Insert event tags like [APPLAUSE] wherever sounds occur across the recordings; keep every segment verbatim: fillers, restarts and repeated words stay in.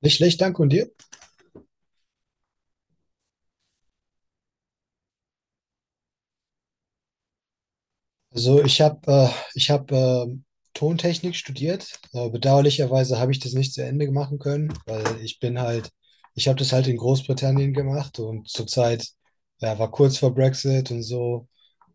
Nicht schlecht, danke und dir? Also ich habe äh, ich hab, ähm, Tontechnik studiert. Äh, bedauerlicherweise habe ich das nicht zu Ende machen können, weil ich bin halt, ich habe das halt in Großbritannien gemacht und zurzeit, ja, war kurz vor Brexit und so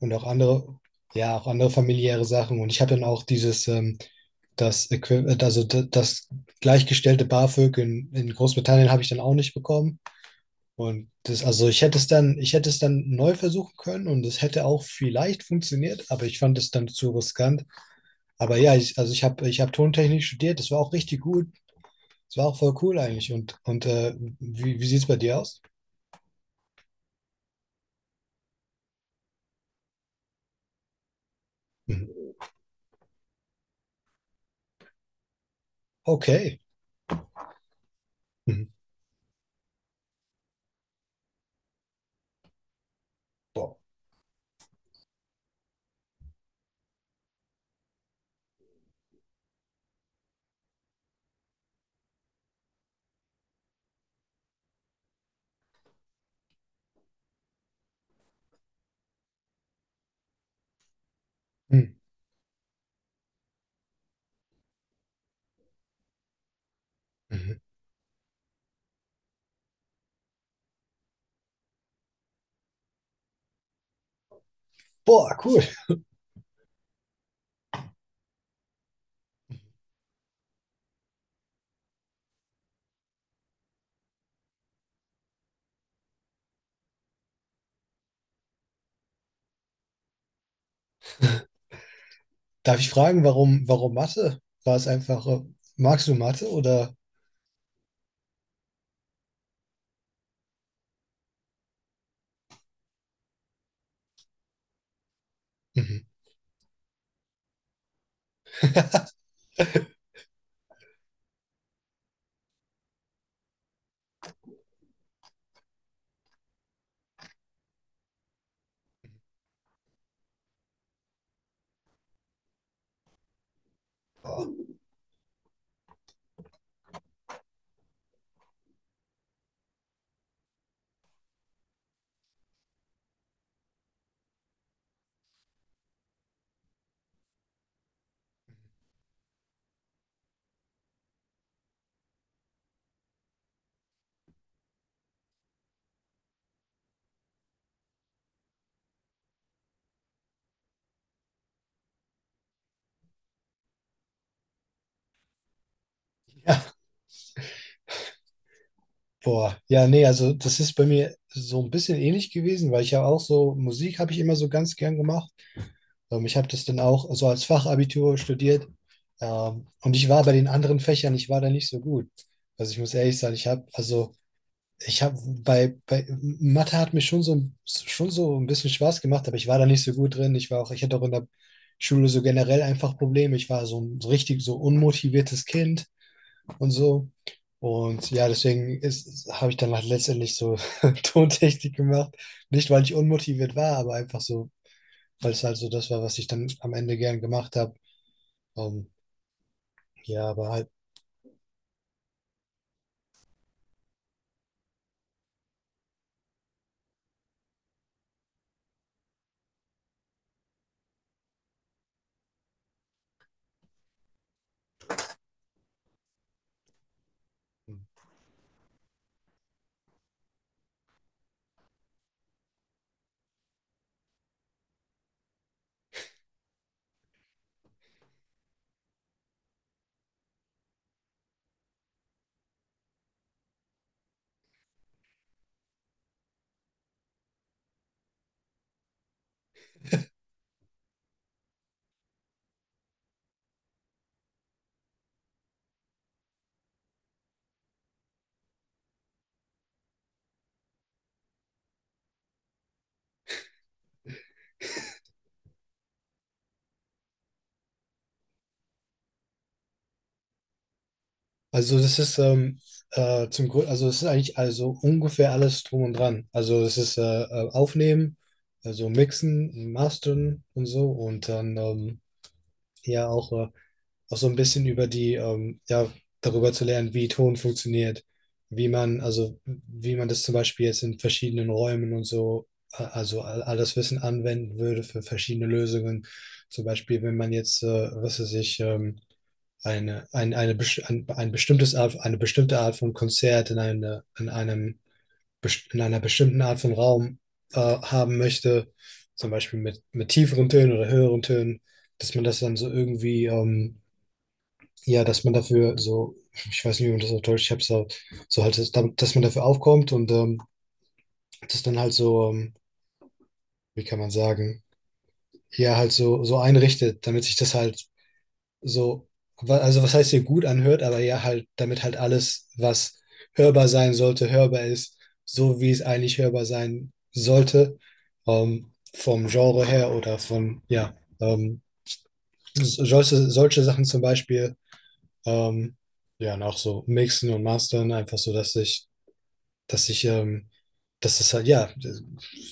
und auch andere, ja, auch andere familiäre Sachen. Und ich habe dann auch dieses, ähm, das, Equi- also d- das gleichgestellte BAföG in, in Großbritannien habe ich dann auch nicht bekommen. Und das, also ich hätte es dann, ich hätte es dann neu versuchen können und es hätte auch vielleicht funktioniert, aber ich fand es dann zu riskant. Aber ja, ich, also ich habe, ich habe Tontechnik studiert, das war auch richtig gut. Das war auch voll cool eigentlich. Und, und äh, wie, wie sieht es bei dir aus? Mhm. Okay. Mhm. Boah. Mhm. Mhm. Boah, cool. Darf ich fragen, warum, warum Mathe? War es einfach, äh, magst du Mathe oder? Mhm. Boah. [LAUGHS] Boah, ja, nee, also das ist bei mir so ein bisschen ähnlich gewesen, weil ich ja auch so, Musik habe ich immer so ganz gern gemacht. Ähm, ich habe das dann auch so als Fachabitur studiert. Ähm, und ich war bei den anderen Fächern, ich war da nicht so gut. Also ich muss ehrlich sagen, ich habe, also ich habe bei, bei Mathe hat mir schon so, schon so ein bisschen Spaß gemacht, aber ich war da nicht so gut drin. Ich war auch, ich hatte auch in der Schule so generell einfach Probleme. Ich war so ein so richtig so unmotiviertes Kind und so. Und ja, deswegen ist, habe ich dann halt letztendlich so [LAUGHS] Tontechnik gemacht. Nicht, weil ich unmotiviert war, aber einfach so, weil es halt so das war, was ich dann am Ende gern gemacht habe. Ähm, ja, aber halt, also das ist ähm, äh, zum Grund, also es ist eigentlich also ungefähr alles drum und dran. Also es ist äh, äh, Aufnehmen, also Mixen, Mastern und so und dann ähm, ja auch äh, auch so ein bisschen über die, ähm, ja, darüber zu lernen, wie Ton funktioniert, wie man, also wie man das zum Beispiel jetzt in verschiedenen Räumen und so, äh, also all, all das Wissen anwenden würde für verschiedene Lösungen. Zum Beispiel, wenn man jetzt, äh, was weiß ich, ähm, eine, ein, eine, best- ein, ein bestimmtes Art, eine bestimmte Art von Konzert in, eine, in, einem, best- in einer bestimmten Art von Raum äh, haben möchte, zum Beispiel mit, mit tieferen Tönen oder höheren Tönen, dass man das dann so irgendwie ähm, ja, dass man dafür so, ich weiß nicht, wie man das auf Deutsch, ich hab's so, so halt, dass, dass man dafür aufkommt und ähm, das dann halt so, ähm, wie kann man sagen, ja, halt so, so einrichtet, damit sich das halt so, wa- also was heißt hier gut anhört, aber ja, halt, damit halt alles, was hörbar sein sollte, hörbar ist, so wie es eigentlich hörbar sein sollte, ähm, vom Genre her oder von, ja, ähm, solche, solche Sachen zum Beispiel. Ähm, ja, und auch so mixen und mastern, einfach so, dass ich, dass ich, ähm, dass es halt, ja,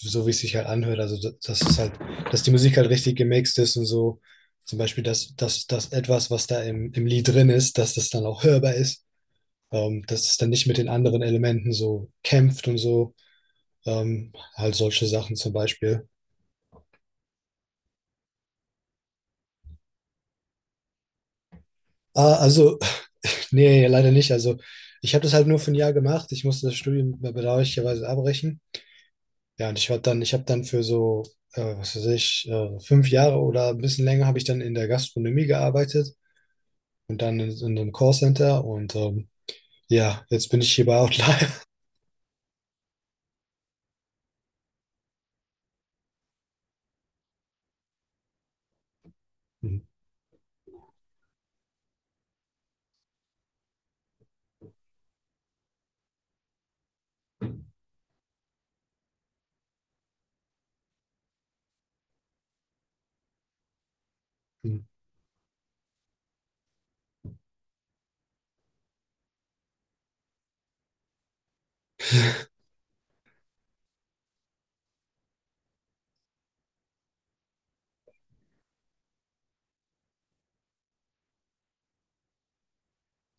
so wie es sich halt anhört, also da- dass es halt, dass die Musik halt richtig gemixt ist und so, zum Beispiel, dass, dass, dass etwas, was da im, im Lied drin ist, dass das dann auch hörbar ist, ähm, dass es dann nicht mit den anderen Elementen so kämpft und so, ähm, halt solche Sachen zum Beispiel. Ah, also, [LAUGHS] nee, leider nicht, also ich habe das halt nur für ein Jahr gemacht, ich musste das Studium bedauerlicherweise abbrechen. Ja, und ich war dann, ich habe dann für so, äh, was weiß ich, äh, fünf Jahre oder ein bisschen länger habe ich dann in der Gastronomie gearbeitet und dann in, in einem Callcenter und ähm, ja, jetzt bin ich hier bei Outlier. [LAUGHS] Hm, hm,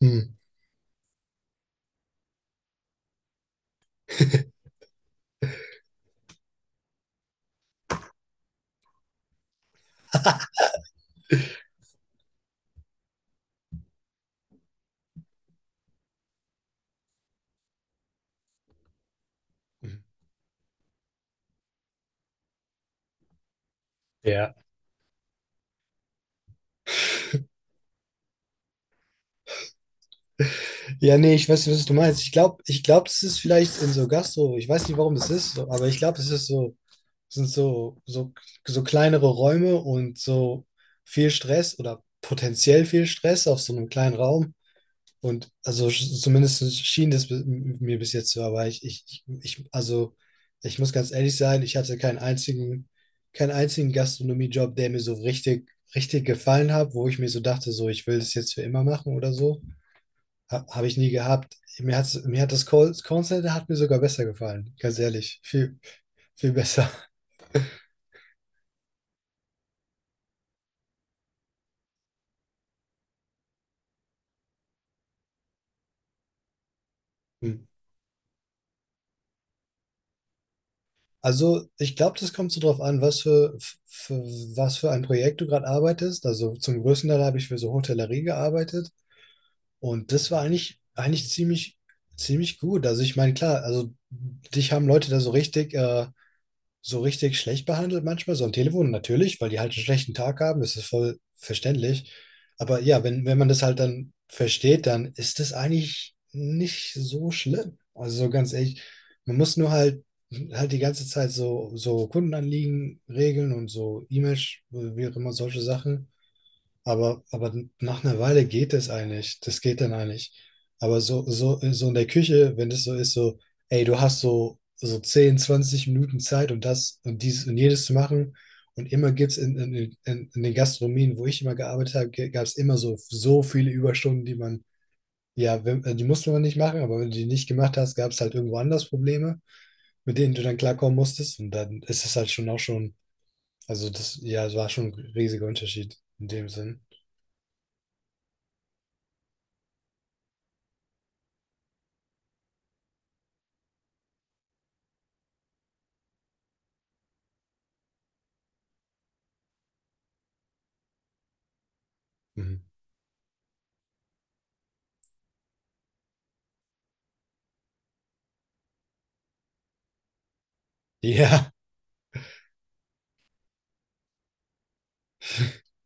hm. Ja. Ja, nee, ich weiß nicht, was du meinst. Ich glaube, ich glaub, das ist vielleicht in so Gastro, ich weiß nicht, warum das ist, so, aber ich glaube, es ist so, sind so, so, so kleinere Räume und so viel Stress oder potenziell viel Stress auf so einem kleinen Raum. Und also sch- zumindest schien das bi- mir bis jetzt so, aber ich, ich, ich, ich- also ich muss ganz ehrlich sein, ich hatte keinen einzigen, keinen einzigen Gastronomiejob, der mir so richtig, richtig gefallen hat, wo ich mir so dachte, so ich will das jetzt für immer machen oder so. Ha, habe ich nie gehabt. Mir hat, mir hat das Call, Callcenter hat mir sogar besser gefallen, ganz ehrlich. Viel, viel besser. Hm. Also, ich glaube, das kommt so drauf an, was für, für, was für ein Projekt du gerade arbeitest. Also, zum größten Teil habe ich für so Hotellerie gearbeitet. Und das war eigentlich, eigentlich ziemlich, ziemlich gut. Also ich meine, klar, also dich haben Leute da so richtig, äh, so richtig schlecht behandelt manchmal, so am Telefon natürlich, weil die halt einen schlechten Tag haben, das ist voll verständlich. Aber ja, wenn, wenn man das halt dann versteht, dann ist das eigentlich nicht so schlimm. Also so ganz ehrlich, man muss nur halt halt die ganze Zeit so, so Kundenanliegen regeln und so E-Mails, wie auch immer solche Sachen. Aber, aber nach einer Weile geht das eigentlich. Das geht dann eigentlich. Aber so, so, so in der Küche, wenn das so ist, so, ey, du hast so, so zehn zwanzig Minuten Zeit und das und dieses und jenes zu machen. Und immer gibt es in, in, in, in den Gastronomien, wo ich immer gearbeitet habe, gab es immer so, so viele Überstunden, die man, ja, wenn, die musste man nicht machen, aber wenn du die nicht gemacht hast, gab es halt irgendwo anders Probleme, mit denen du dann klarkommen musstest. Und dann ist es halt schon auch schon, also das, ja, es war schon ein riesiger Unterschied in dem Sinn. Mhm. [LAUGHS] Ja, [LAUGHS]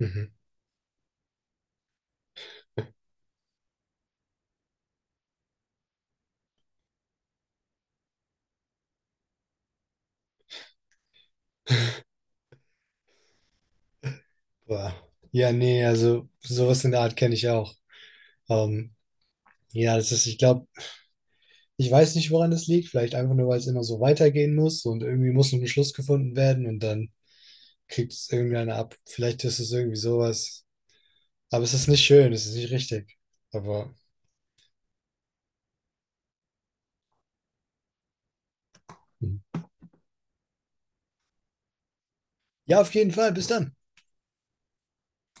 Mhm. Boah. Ja, nee, also sowas in der Art kenne ich auch. Ähm, ja, das ist, ich glaube, ich weiß nicht, woran das liegt. Vielleicht einfach nur, weil es immer so weitergehen muss und irgendwie muss noch ein Schluss gefunden werden und dann kriegt es irgendeiner ab. Vielleicht ist es irgendwie sowas. Aber es ist nicht schön, es ist nicht richtig. Aber Mhm. ja, auf jeden Fall. Bis dann.